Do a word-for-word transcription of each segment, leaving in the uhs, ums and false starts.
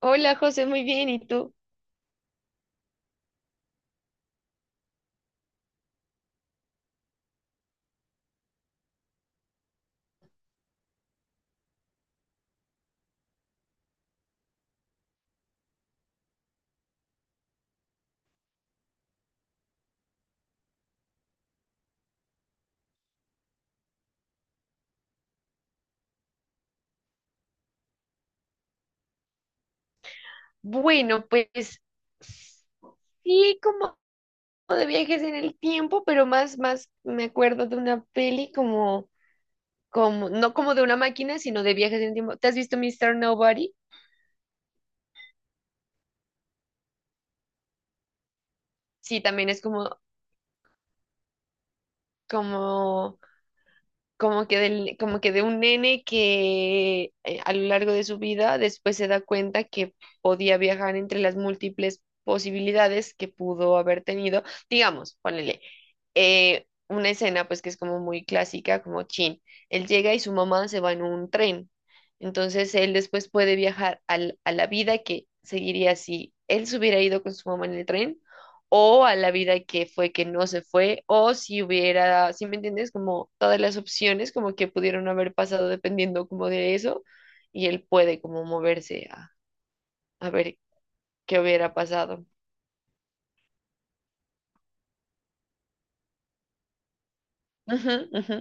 Hola José, muy bien, ¿y tú? Bueno, pues sí, como de viajes en el tiempo, pero más, más me acuerdo de una peli como, como, no como de una máquina, sino de viajes en el tiempo. ¿Te has visto mister Nobody? Sí, también es como, como como que del, como que de un nene que eh, a lo largo de su vida después se da cuenta que podía viajar entre las múltiples posibilidades que pudo haber tenido. Digamos, ponele eh, una escena pues que es como muy clásica, como Chin. Él llega y su mamá se va en un tren. Entonces él después puede viajar al- a la vida que seguiría si él se hubiera ido con su mamá en el tren o a la vida que fue que no se fue, o si hubiera, ¿si me entiendes? Como todas las opciones como que pudieron haber pasado dependiendo como de eso, y él puede como moverse a, a ver qué hubiera pasado. Ujú, ujú.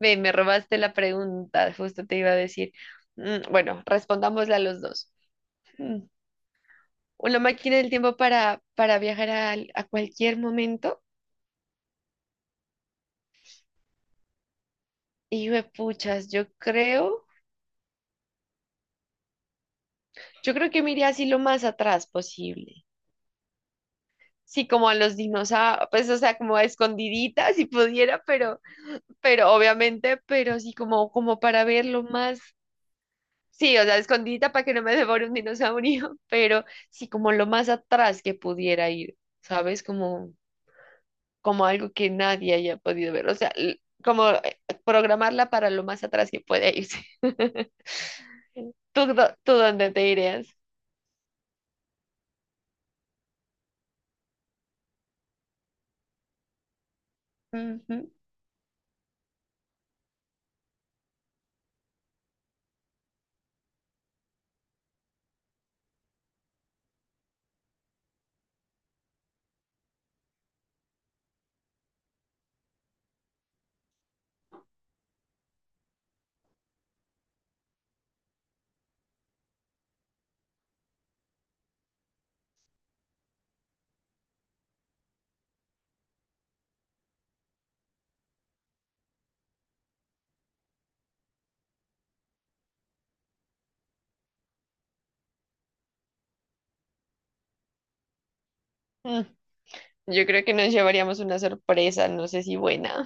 Ve, me robaste la pregunta, justo te iba a decir. Mm, Bueno, respondámosla los dos. Mm. Una máquina del tiempo para, para viajar al- a, cualquier momento. Y puchas, yo creo, yo creo que me iría así lo más atrás posible. Sí, como a los dinosaurios, pues, o sea, como a escondiditas si pudiera, pero, pero obviamente, pero sí, como, como para verlo más, sí, o sea, escondidita para que no me devore un dinosaurio, pero sí, como lo más atrás que pudiera ir, ¿sabes? Como, como algo que nadie haya podido ver, o sea, l- como eh, programarla para lo más atrás que pueda irse. ¿Tú, dó- tú dónde te irías? Ujú. Mm, Yo creo que nos llevaríamos una sorpresa, no sé si buena.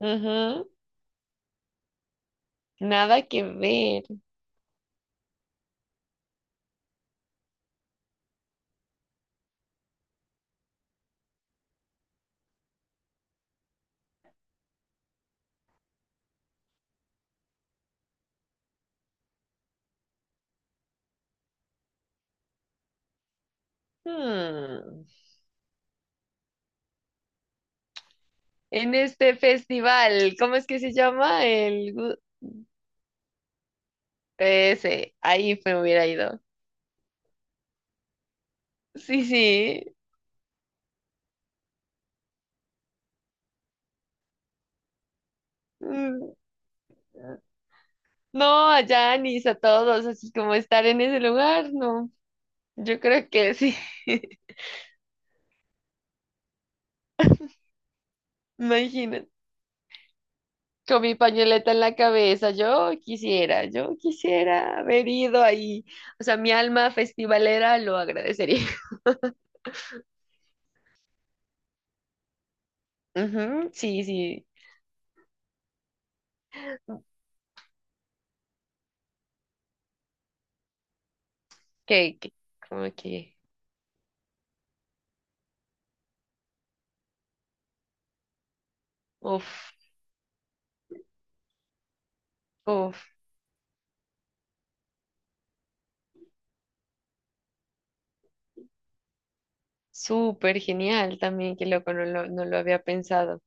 Ujú. Nada que ver. Hmm. En este festival, ¿cómo es que se llama? El gu- ese, ahí me hubiera ido. Sí, sí. Mm, No, a Janis, a todos, así como estar en ese lugar, no. Yo creo que sí. Imagínate. Con mi pañoleta en la cabeza, yo quisiera, yo quisiera haber ido ahí. O sea, mi alma festivalera lo agradecería. Ujú, sí, sí. Que, que, como que. Uf. Uf, súper genial también, qué loco, no lo, no lo había pensado.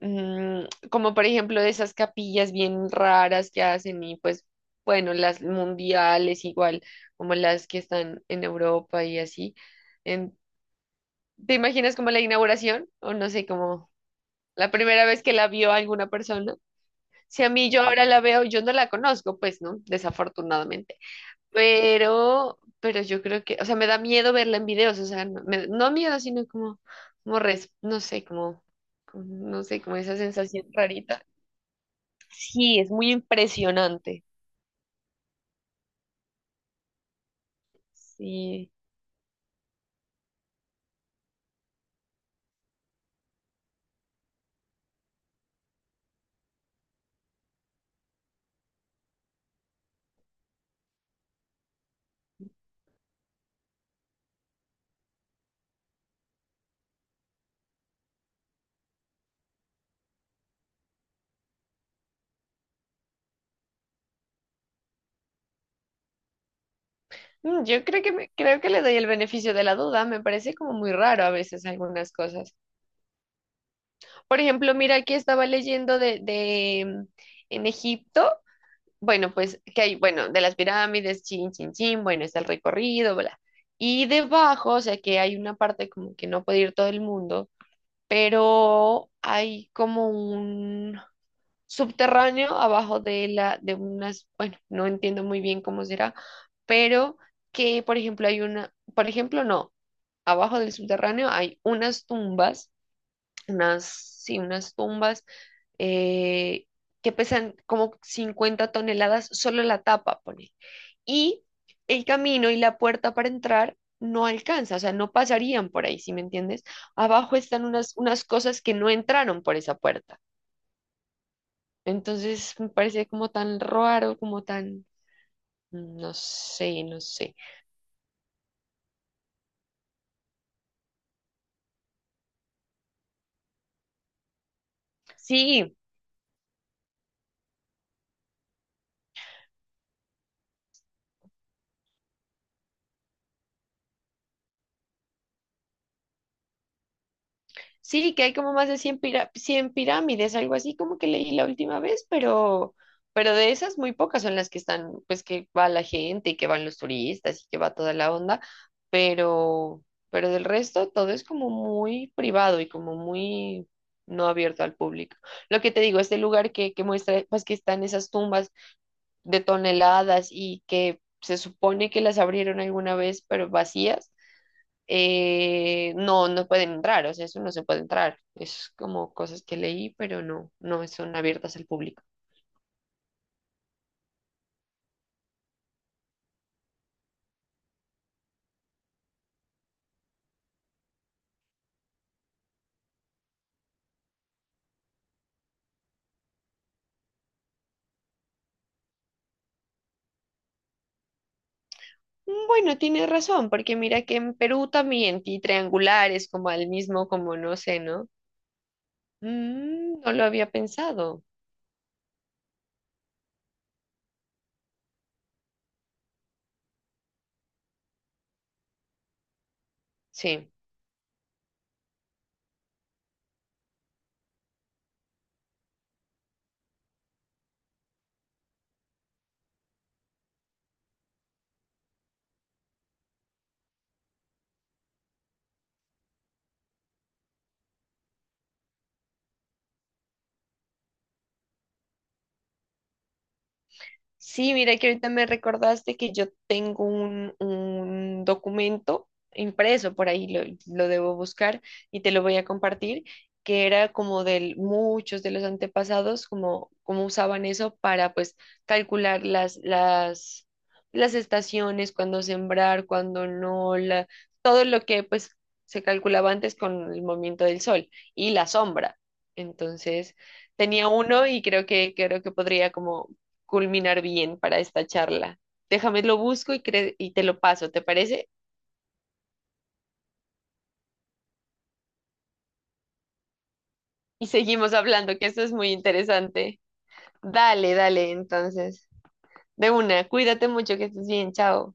Mm, como por ejemplo de esas capillas bien raras que hacen y pues bueno, las mundiales igual, como las que están en Europa y así. En- ¿Te imaginas como la inauguración? O no sé, como la primera vez que la vio alguna persona. Si a mí yo ahora la veo, yo no la conozco, pues no, desafortunadamente. Pero, pero yo creo que, o sea, me da miedo verla en videos, o sea, no, me- no miedo, sino como, como res- no sé, como, como- no sé, como esa sensación rarita. Sí, es muy impresionante. Sí. Mm, Yo creo que me, creo que le doy el beneficio de la duda, me parece como muy raro a veces algunas cosas. Por ejemplo, mira que estaba leyendo de, de mm, en Egipto. Bueno, pues que hay, bueno, de las pirámides, chin, chin, chin, bueno, está el recorrido, bla. Y debajo, o sea que hay una parte como que no puede ir todo el mundo, pero hay como un subterráneo abajo de la, de unas, bueno, no entiendo muy bien cómo será, pero que, por ejemplo, hay una, por ejemplo, no, abajo del subterráneo hay unas tumbas, unas, sí, unas tumbas eh, que pesan como cincuenta toneladas, solo la tapa, pone. Y el camino y la puerta para entrar no alcanza, o sea, no pasarían por ahí, ¿sí me entiendes? Abajo están unas, unas cosas que no entraron por esa puerta. Entonces me parece como tan raro, como tan, no sé, no sé. Sí, sí, que hay como más de cien pira- cien pirámides, algo así como que leí la última vez, pero, pero de esas muy pocas son las que están, pues que va la gente y que van los turistas y que va toda la onda, pero, pero del resto todo es como muy privado y como muy no abierto al público. Lo que te digo, este lugar que, que muestra, pues que están esas tumbas de toneladas y que se supone que las abrieron alguna vez, pero vacías eh, no, no pueden entrar, o sea, eso no se puede entrar. Es como cosas que leí, pero no, no son abiertas al público. Mm, Bueno, tienes razón, porque mira que en Perú también y triangulares, como al mismo, como no sé, ¿no? Mm, no lo había pensado. Sí. Sí, mira que ahorita me recordaste que yo tengo un, un documento impreso, por ahí lo, lo debo buscar y te lo voy a compartir, que era como de muchos de los antepasados, como, como usaban eso para pues calcular las, las, las estaciones, cuándo sembrar, cuándo no, la- todo lo que pues se calculaba antes con el movimiento del sol y la sombra. Entonces. Tenía uno y creo que creo que podría como culminar bien para esta charla. Déjame lo busco y, cre- y te lo paso, ¿te parece? Y seguimos hablando, que esto es muy interesante. Dale, dale, entonces. De una, cuídate mucho, que estés bien, chao.